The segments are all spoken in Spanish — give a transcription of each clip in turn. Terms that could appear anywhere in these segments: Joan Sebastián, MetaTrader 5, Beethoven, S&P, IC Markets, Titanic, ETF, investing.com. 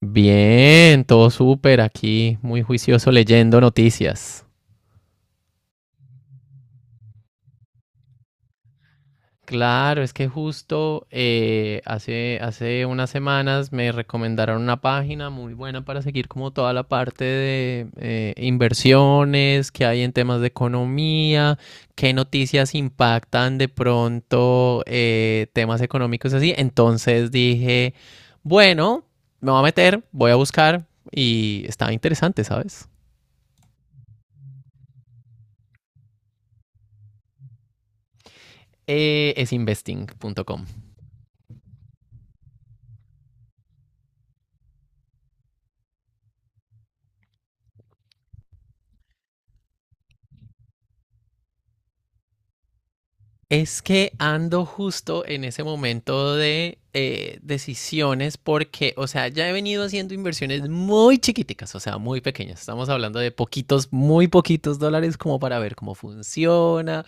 Bien, todo súper aquí, muy juicioso leyendo noticias. Claro, es que justo hace unas semanas me recomendaron una página muy buena para seguir como toda la parte de inversiones que hay en temas de economía, qué noticias impactan de pronto temas económicos así. Entonces dije, bueno, me voy a meter, voy a buscar y estaba interesante, ¿sabes? Es investing.com. Es que ando justo en ese momento de decisiones porque, o sea, ya he venido haciendo inversiones muy chiquiticas, o sea, muy pequeñas. Estamos hablando de poquitos, muy poquitos dólares como para ver cómo funciona,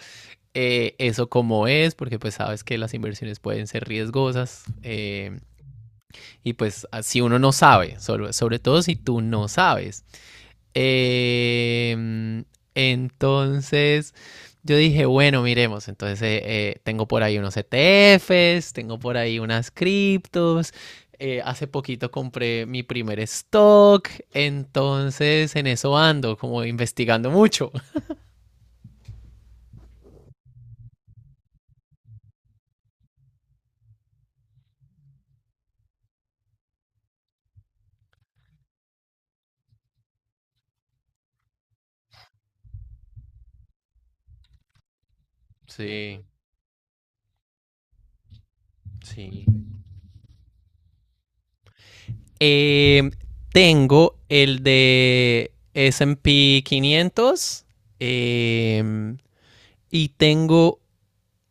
eso cómo es, porque pues sabes que las inversiones pueden ser riesgosas y pues si uno no sabe, sobre todo si tú no sabes. Eh, entonces, yo dije, bueno, miremos. Entonces, tengo por ahí unos ETFs, tengo por ahí unas criptos. Hace poquito compré mi primer stock. Entonces, en eso ando, como investigando mucho. Sí, sí. Em, Tengo el de S&P quinientos, em, y tengo.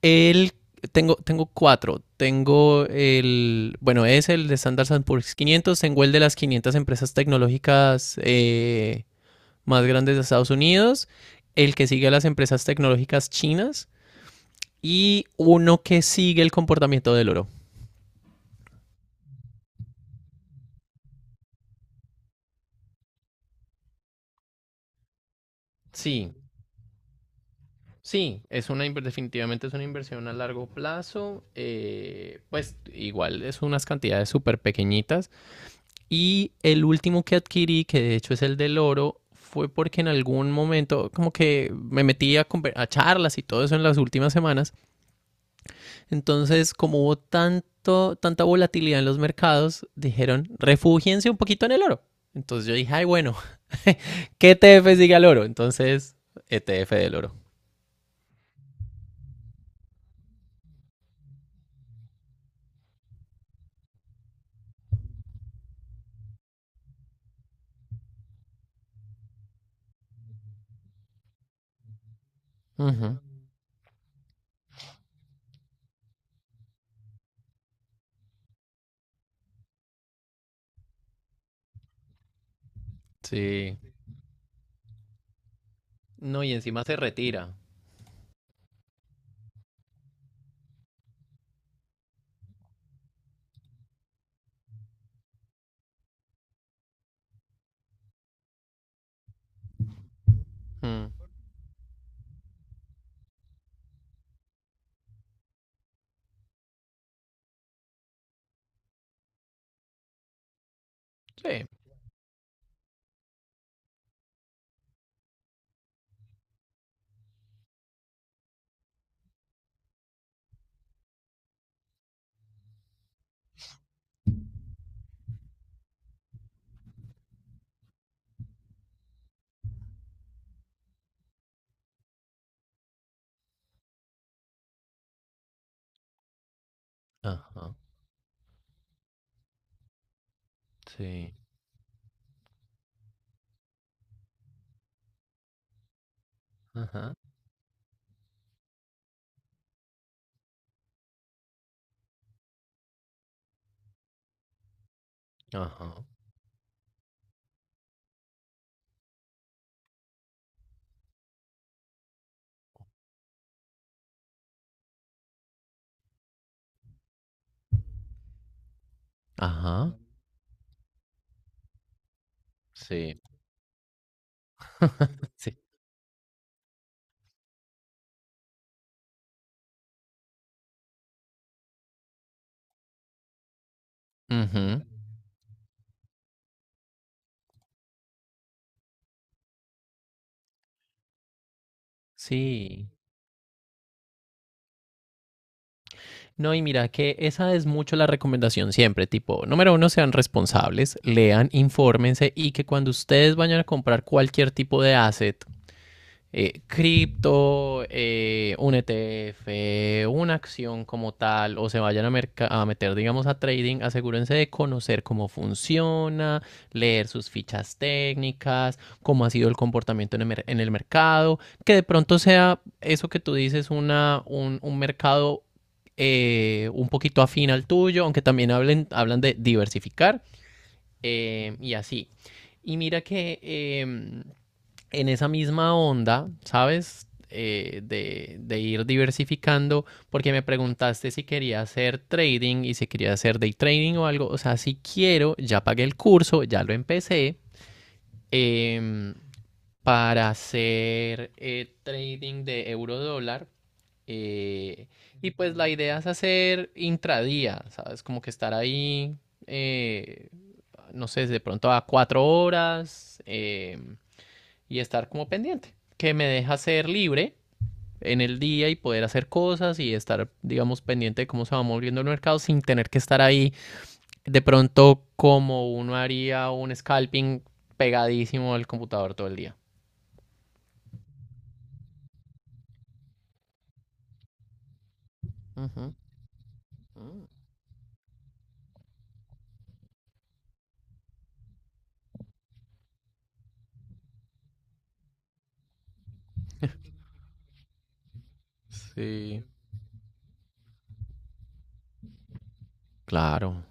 El, tengo cuatro. Tengo el, bueno, es el de Standard and Poor's quinientos. Tengo el de las 500 empresas tecnológicas más grandes de Estados Unidos. El que sigue a las empresas tecnológicas chinas. Y uno que sigue el comportamiento del oro. Sí, sí, es una, definitivamente es una inversión a largo plazo. Pues igual es unas cantidades súper pequeñitas. Y el último que adquirí, que de hecho es el del oro, fue porque en algún momento como que me metí a charlas y todo eso en las últimas semanas. Entonces, como hubo tanto, tanta volatilidad en los mercados, dijeron, refúgiense un poquito en el oro. Entonces yo dije, ay, bueno, ¿qué ETF sigue al oro? Entonces, ETF del oro. Ujú. Sí. No, y encima se retira. Mm. Sí. Ajá. Sí. Ajá. Ajá. Ajá. Sí. Sí. Ujú. Sí. No, y mira que esa es mucho la recomendación siempre, tipo, número uno, sean responsables, lean, infórmense y que cuando ustedes vayan a comprar cualquier tipo de asset, cripto, un ETF, una acción como tal, o se vayan a meter, digamos, a trading, asegúrense de conocer cómo funciona, leer sus fichas técnicas, cómo ha sido el comportamiento en el mercado, que de pronto sea eso que tú dices, un mercado un poquito afín al tuyo, aunque también hablen, hablan de diversificar y así. Y mira que en esa misma onda, ¿sabes? De ir diversificando, porque me preguntaste si quería hacer trading y si quería hacer day trading o algo. O sea, si quiero, ya pagué el curso, ya lo empecé. em, para hacer trading de euro dólar. eh, y pues la idea es hacer intradía, ¿sabes? Como que estar ahí, eh, no sé, de pronto a cuatro horas, y estar como pendiente, que me deja ser libre en el día y poder hacer cosas y estar, digamos, pendiente de cómo se va moviendo el mercado sin tener que estar ahí de pronto como uno haría un scalping pegadísimo al computador todo el día. Ujú. Sí, claro,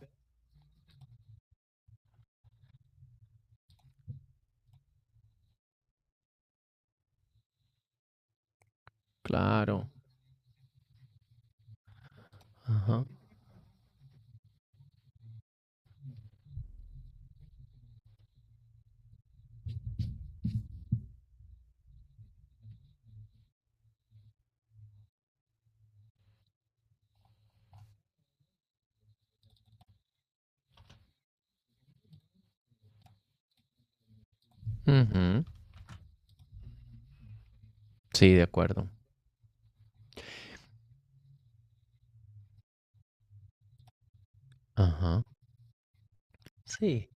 claro. Ajá. Ujú. Sí, de acuerdo. Ajá. Sí.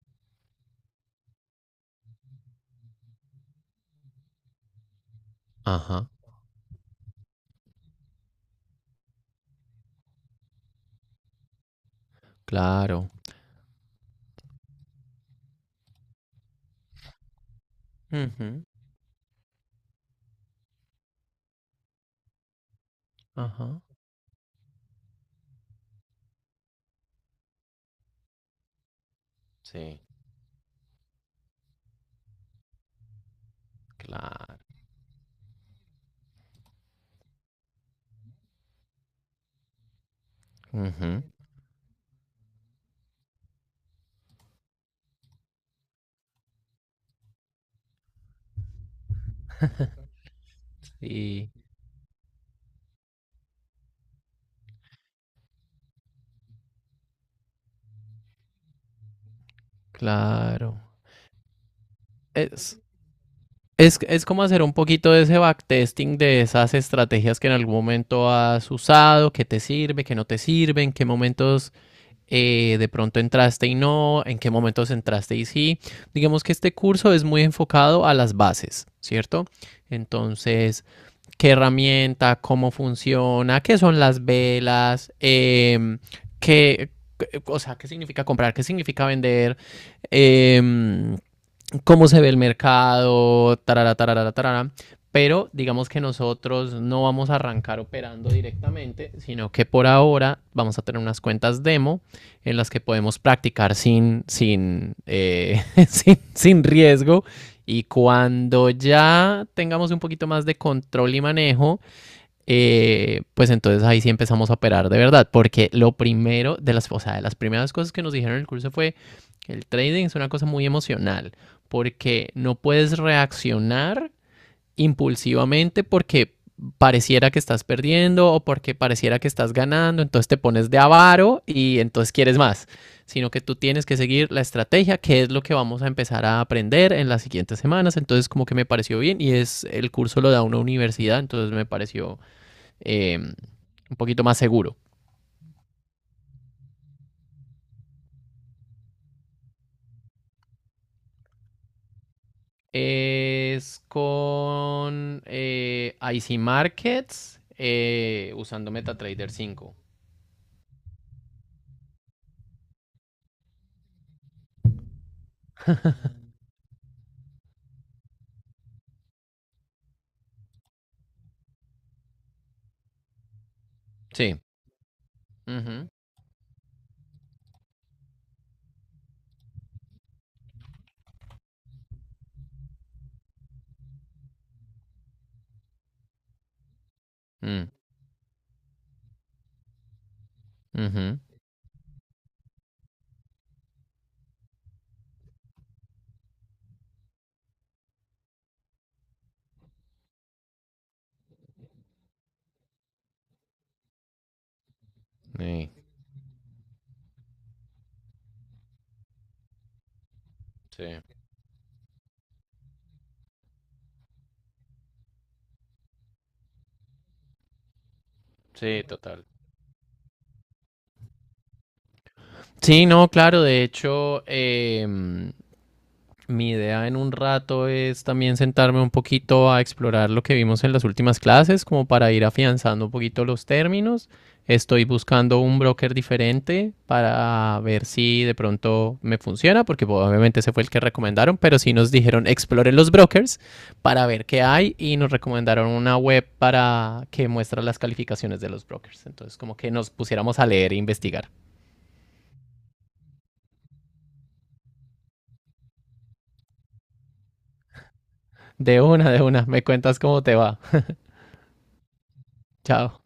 Ajá. Claro. Ujú. Ajá. Sí, claro. Ujú. Sí, claro. Es, es como hacer un poquito de ese backtesting de esas estrategias que en algún momento has usado, que te sirve, que no te sirve, en qué momentos de pronto entraste y no, en qué momentos entraste y sí. Digamos que este curso es muy enfocado a las bases, ¿cierto? Entonces, qué herramienta, cómo funciona, qué son las velas, qué, o sea, qué significa comprar, qué significa vender, eh, cómo se ve el mercado, tarara, tarara, tarara. Pero digamos que nosotros no vamos a arrancar operando directamente, sino que por ahora vamos a tener unas cuentas demo en las que podemos practicar sin, sin, sin riesgo. Y cuando ya tengamos un poquito más de control y manejo, pues entonces ahí sí empezamos a operar de verdad, porque lo primero de las, o sea, de las primeras cosas que nos dijeron en el curso fue que el trading es una cosa muy emocional, porque no puedes reaccionar impulsivamente porque pareciera que estás perdiendo o porque pareciera que estás ganando, entonces te pones de avaro y entonces quieres más, sino que tú tienes que seguir la estrategia, que es lo que vamos a empezar a aprender en las siguientes semanas, entonces como que me pareció bien y es el curso lo da una universidad, entonces me pareció un poquito más seguro. Es con IC Markets usando MetaTrader 5. Sí. Ujú. Mm. Ujú. Sí. Sí. Sí, total. Sí, no, claro, de hecho, mi idea en un rato es también sentarme un poquito a explorar lo que vimos en las últimas clases, como para ir afianzando un poquito los términos. Estoy buscando un broker diferente para ver si de pronto me funciona, porque pues, obviamente ese fue el que recomendaron, pero sí nos dijeron exploren los brokers para ver qué hay y nos recomendaron una web para que muestra las calificaciones de los brokers. Entonces como que nos pusiéramos a leer e investigar. Me cuentas cómo te va. Chao.